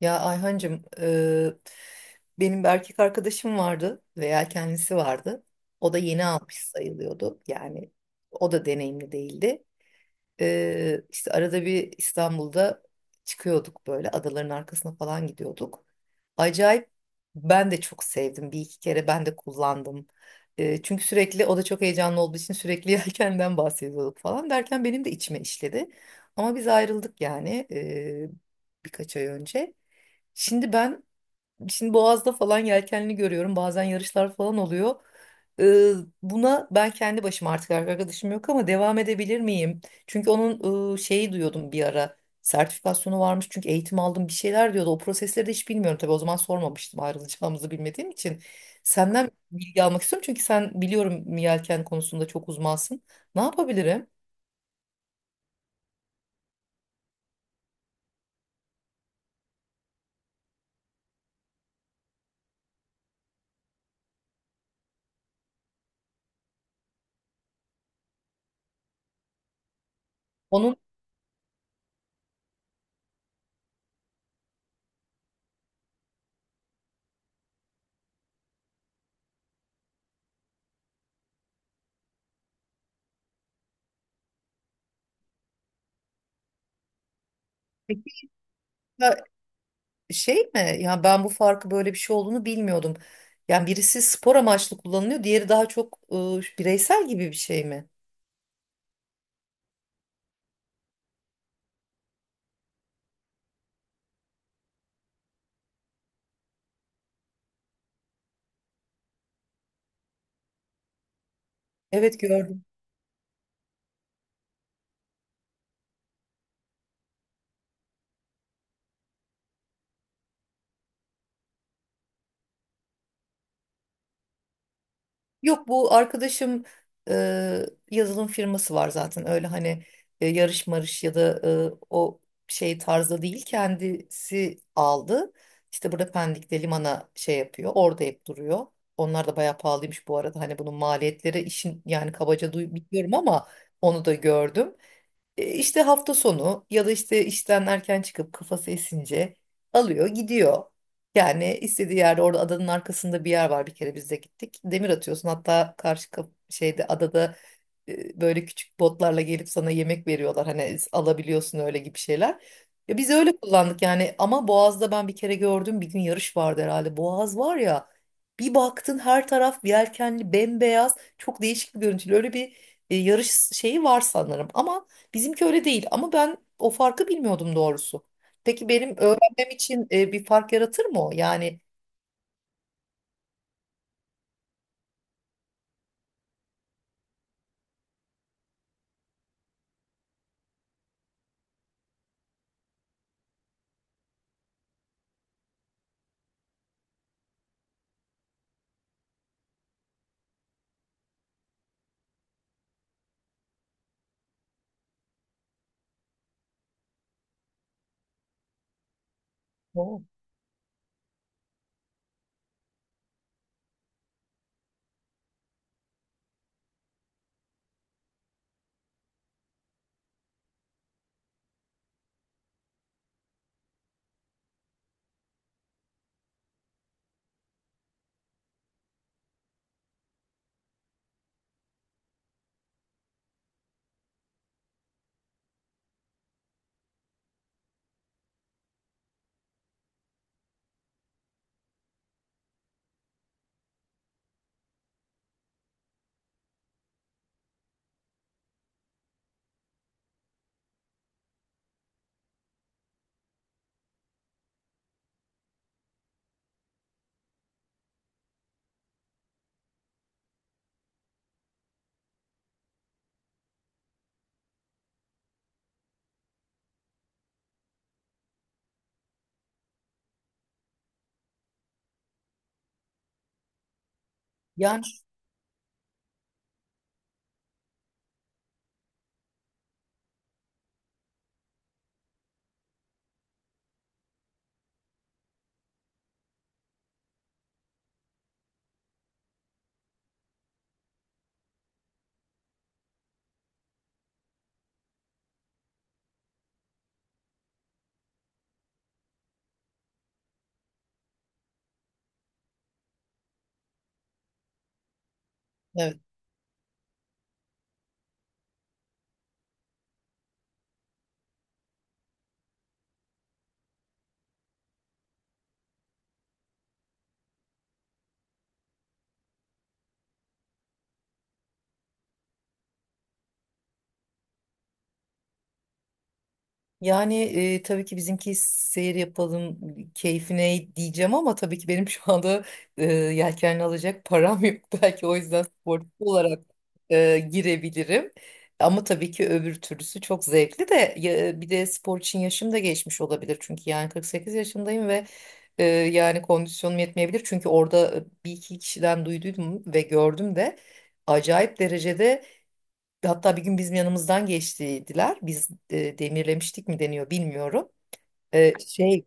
Ya Ayhancığım, benim bir erkek arkadaşım vardı veya kendisi vardı. O da yeni almış sayılıyordu. Yani o da deneyimli değildi. İşte arada bir İstanbul'da çıkıyorduk, böyle adaların arkasına falan gidiyorduk. Acayip ben de çok sevdim. Bir iki kere ben de kullandım. Çünkü sürekli o da çok heyecanlı olduğu için sürekli yelkenden bahsediyorduk falan derken benim de içime işledi. Ama biz ayrıldık yani birkaç ay önce. Şimdi ben şimdi Boğaz'da falan yelkenli görüyorum. Bazen yarışlar falan oluyor. Ee, Buna ben kendi başıma, artık arkadaşım yok, ama devam edebilir miyim? Çünkü onun şeyi duyuyordum bir ara. Sertifikasyonu varmış, çünkü eğitim aldım bir şeyler diyordu. O prosesleri de hiç bilmiyorum tabii, o zaman sormamıştım ayrılacağımızı bilmediğim için. Senden bilgi almak istiyorum, çünkü sen biliyorum yelken konusunda çok uzmansın. Ne yapabilirim? Onun şey mi? Ya ben bu farkı, böyle bir şey olduğunu bilmiyordum. Yani birisi spor amaçlı kullanılıyor, diğeri daha çok bireysel gibi bir şey mi? Evet, gördüm. Yok, bu arkadaşım e, yazılım firması var zaten. Öyle hani yarış marış ya da e, o şey tarzda değil. Kendisi aldı. İşte burada Pendik'te limana şey yapıyor. Orada hep duruyor. Onlar da bayağı pahalıymış bu arada. Hani bunun maliyetleri işin, yani kabaca duy biliyorum ama onu da gördüm. İşte hafta sonu ya da işte işten erken çıkıp kafası esince alıyor gidiyor. Yani istediği yerde, orada adanın arkasında bir yer var, bir kere biz de gittik. Demir atıyorsun, hatta karşı kap- şeyde adada böyle küçük botlarla gelip sana yemek veriyorlar. Hani alabiliyorsun, öyle gibi şeyler. Ya biz öyle kullandık yani, ama Boğaz'da ben bir kere gördüm, bir gün yarış vardı herhalde. Boğaz var ya, bir baktın her taraf yelkenli bembeyaz, çok değişik bir görüntülü, öyle bir yarış şeyi var sanırım, ama bizimki öyle değil. Ama ben o farkı bilmiyordum doğrusu. Peki benim öğrenmem için bir fark yaratır mı o? Yani o. Yani Yani tabii ki bizimki seyir yapalım keyfine diyeceğim, ama tabii ki benim şu anda yelkenli alacak param yok. Belki o yüzden sportif olarak girebilirim. Ama tabii ki öbür türlüsü çok zevkli de ya- bir de spor için yaşım da geçmiş olabilir. Çünkü yani 48 yaşındayım ve yani kondisyonum yetmeyebilir. Çünkü orada bir iki kişiden duyduydum ve gördüm de acayip derecede. Hatta bir gün bizim yanımızdan geçtiler. Biz demirlemiştik mi deniyor bilmiyorum. Şey,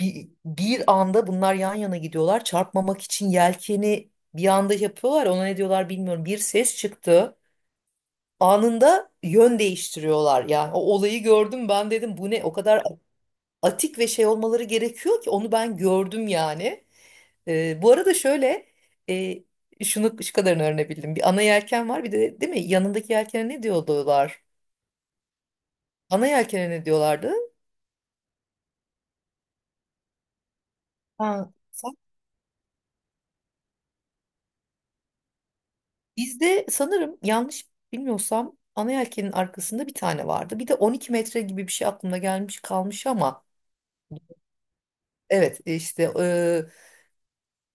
bir anda bunlar yan yana gidiyorlar. Çarpmamak için yelkeni bir anda yapıyorlar. Ona ne diyorlar bilmiyorum. Bir ses çıktı. Anında yön değiştiriyorlar. Yani o olayı gördüm, ben dedim bu ne? O kadar atik ve şey olmaları gerekiyor ki, onu ben gördüm yani. Bu arada şöyle e, şunu, şu kadarını öğrenebildim. Bir ana yelken var bir de, değil mi? Yanındaki yelkene ne diyorlar? Ana yelkene ne diyorlardı? Ha, sen- Bizde sanırım yanlış bilmiyorsam ana yelkenin arkasında bir tane vardı. Bir de 12 metre gibi bir şey aklımda gelmiş kalmış ama evet işte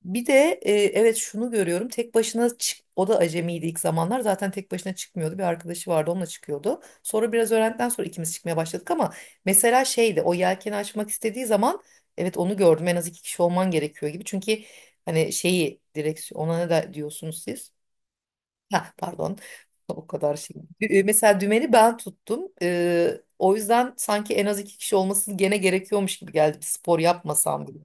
bir de evet şunu görüyorum, tek başına çık, o da acemiydi ilk zamanlar, zaten tek başına çıkmıyordu, bir arkadaşı vardı onunla çıkıyordu. Sonra biraz öğrendikten sonra ikimiz çıkmaya başladık. Ama mesela şeydi, o yelkeni açmak istediği zaman, evet onu gördüm, en az iki kişi olman gerekiyor gibi. Çünkü hani şeyi, direksiyon, ona ne de diyorsunuz siz? Ha, pardon. O kadar şey. Mesela dümeni ben tuttum. O yüzden sanki en az iki kişi olması gene gerekiyormuş gibi geldi. Bir spor yapmasam bile.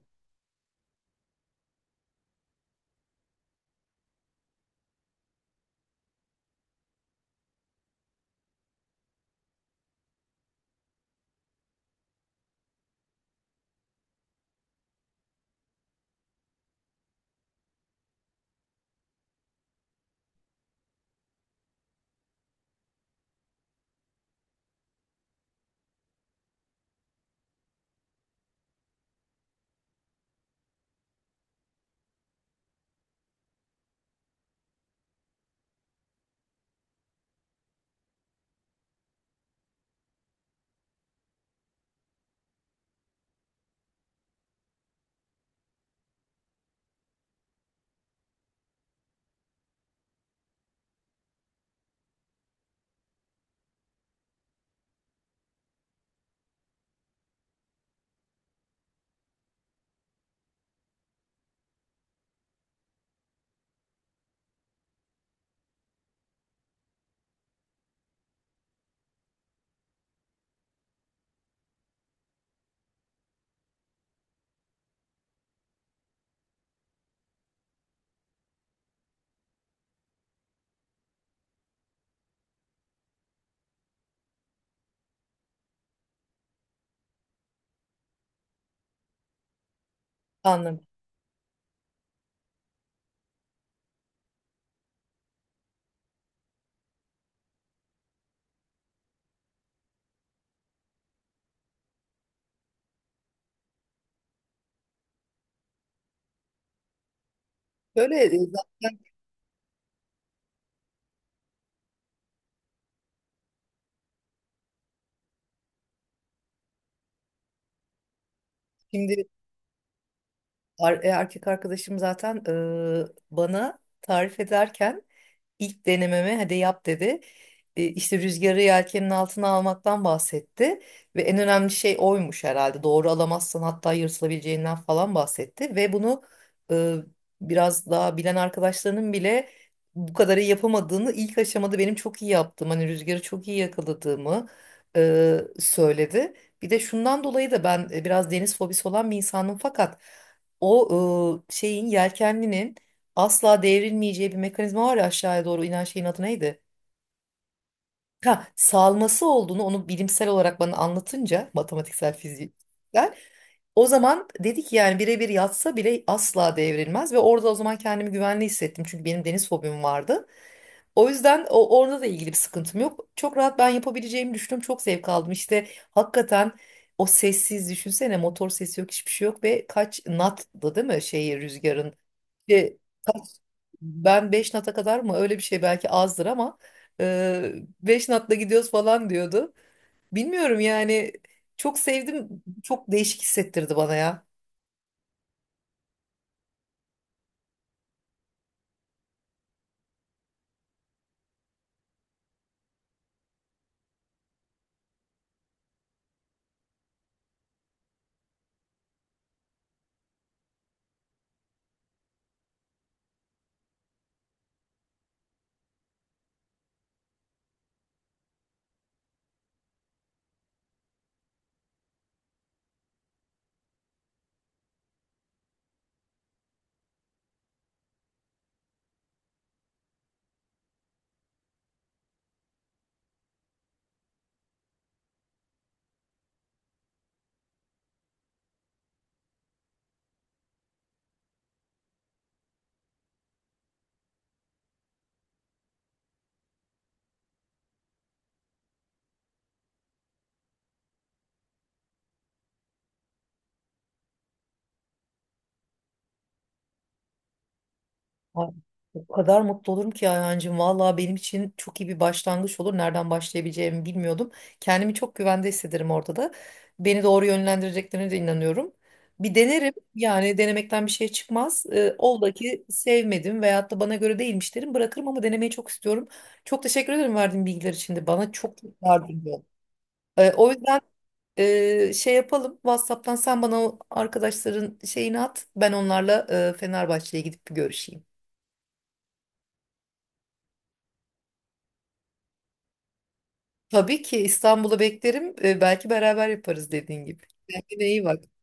Anladım. Böyle zaten şimdi erkek arkadaşım zaten bana tarif ederken ilk denememe hadi yap dedi. İşte rüzgarı yelkenin altına almaktan bahsetti ve en önemli şey oymuş herhalde. Doğru alamazsan hatta yırtılabileceğinden falan bahsetti. Ve bunu e, biraz daha bilen arkadaşlarının bile bu kadarı yapamadığını, ilk aşamada benim çok iyi yaptım, hani rüzgarı çok iyi yakaladığımı söyledi. Bir de şundan dolayı da, ben biraz deniz fobisi olan bir insanım, fakat o şeyin, yelkenlinin asla devrilmeyeceği bir mekanizma var ya, aşağıya doğru inen şeyin adı neydi? Ha, salması olduğunu, onu bilimsel olarak bana anlatınca, matematiksel fizikler, o zaman dedi ki yani birebir yatsa bile asla devrilmez. Ve orada o zaman kendimi güvenli hissettim, çünkü benim deniz fobim vardı. O yüzden o, orada da ilgili bir sıkıntım yok. Çok rahat ben yapabileceğimi düşündüm. Çok zevk aldım. İşte hakikaten o sessiz, düşünsene motor sesi yok, hiçbir şey yok. Ve kaç knot'dı değil mi, şeyi, rüzgarın e, kaç- ben 5 nata kadar mı, öyle bir şey, belki azdır ama e, 5 natla gidiyoruz falan diyordu. Bilmiyorum yani, çok sevdim, çok değişik hissettirdi bana ya. Ay, o kadar mutlu olurum ki Ayhancığım. Vallahi benim için çok iyi bir başlangıç olur. Nereden başlayabileceğimi bilmiyordum. Kendimi çok güvende hissederim orada da. Beni doğru yönlendireceklerine de inanıyorum. Bir denerim. Yani denemekten bir şey çıkmaz. Ola ki sevmedim veyahut da bana göre değilmiş derim. Bırakırım, ama denemeyi çok istiyorum. Çok teşekkür ederim verdiğin bilgiler için de. Bana çok çok yardımcı oldu. O yüzden şey yapalım. WhatsApp'tan sen bana o arkadaşların şeyini at. Ben onlarla Fenerbahçe'ye gidip bir görüşeyim. Tabii ki İstanbul'a beklerim. Belki beraber yaparız dediğin gibi. Kendine iyi bak.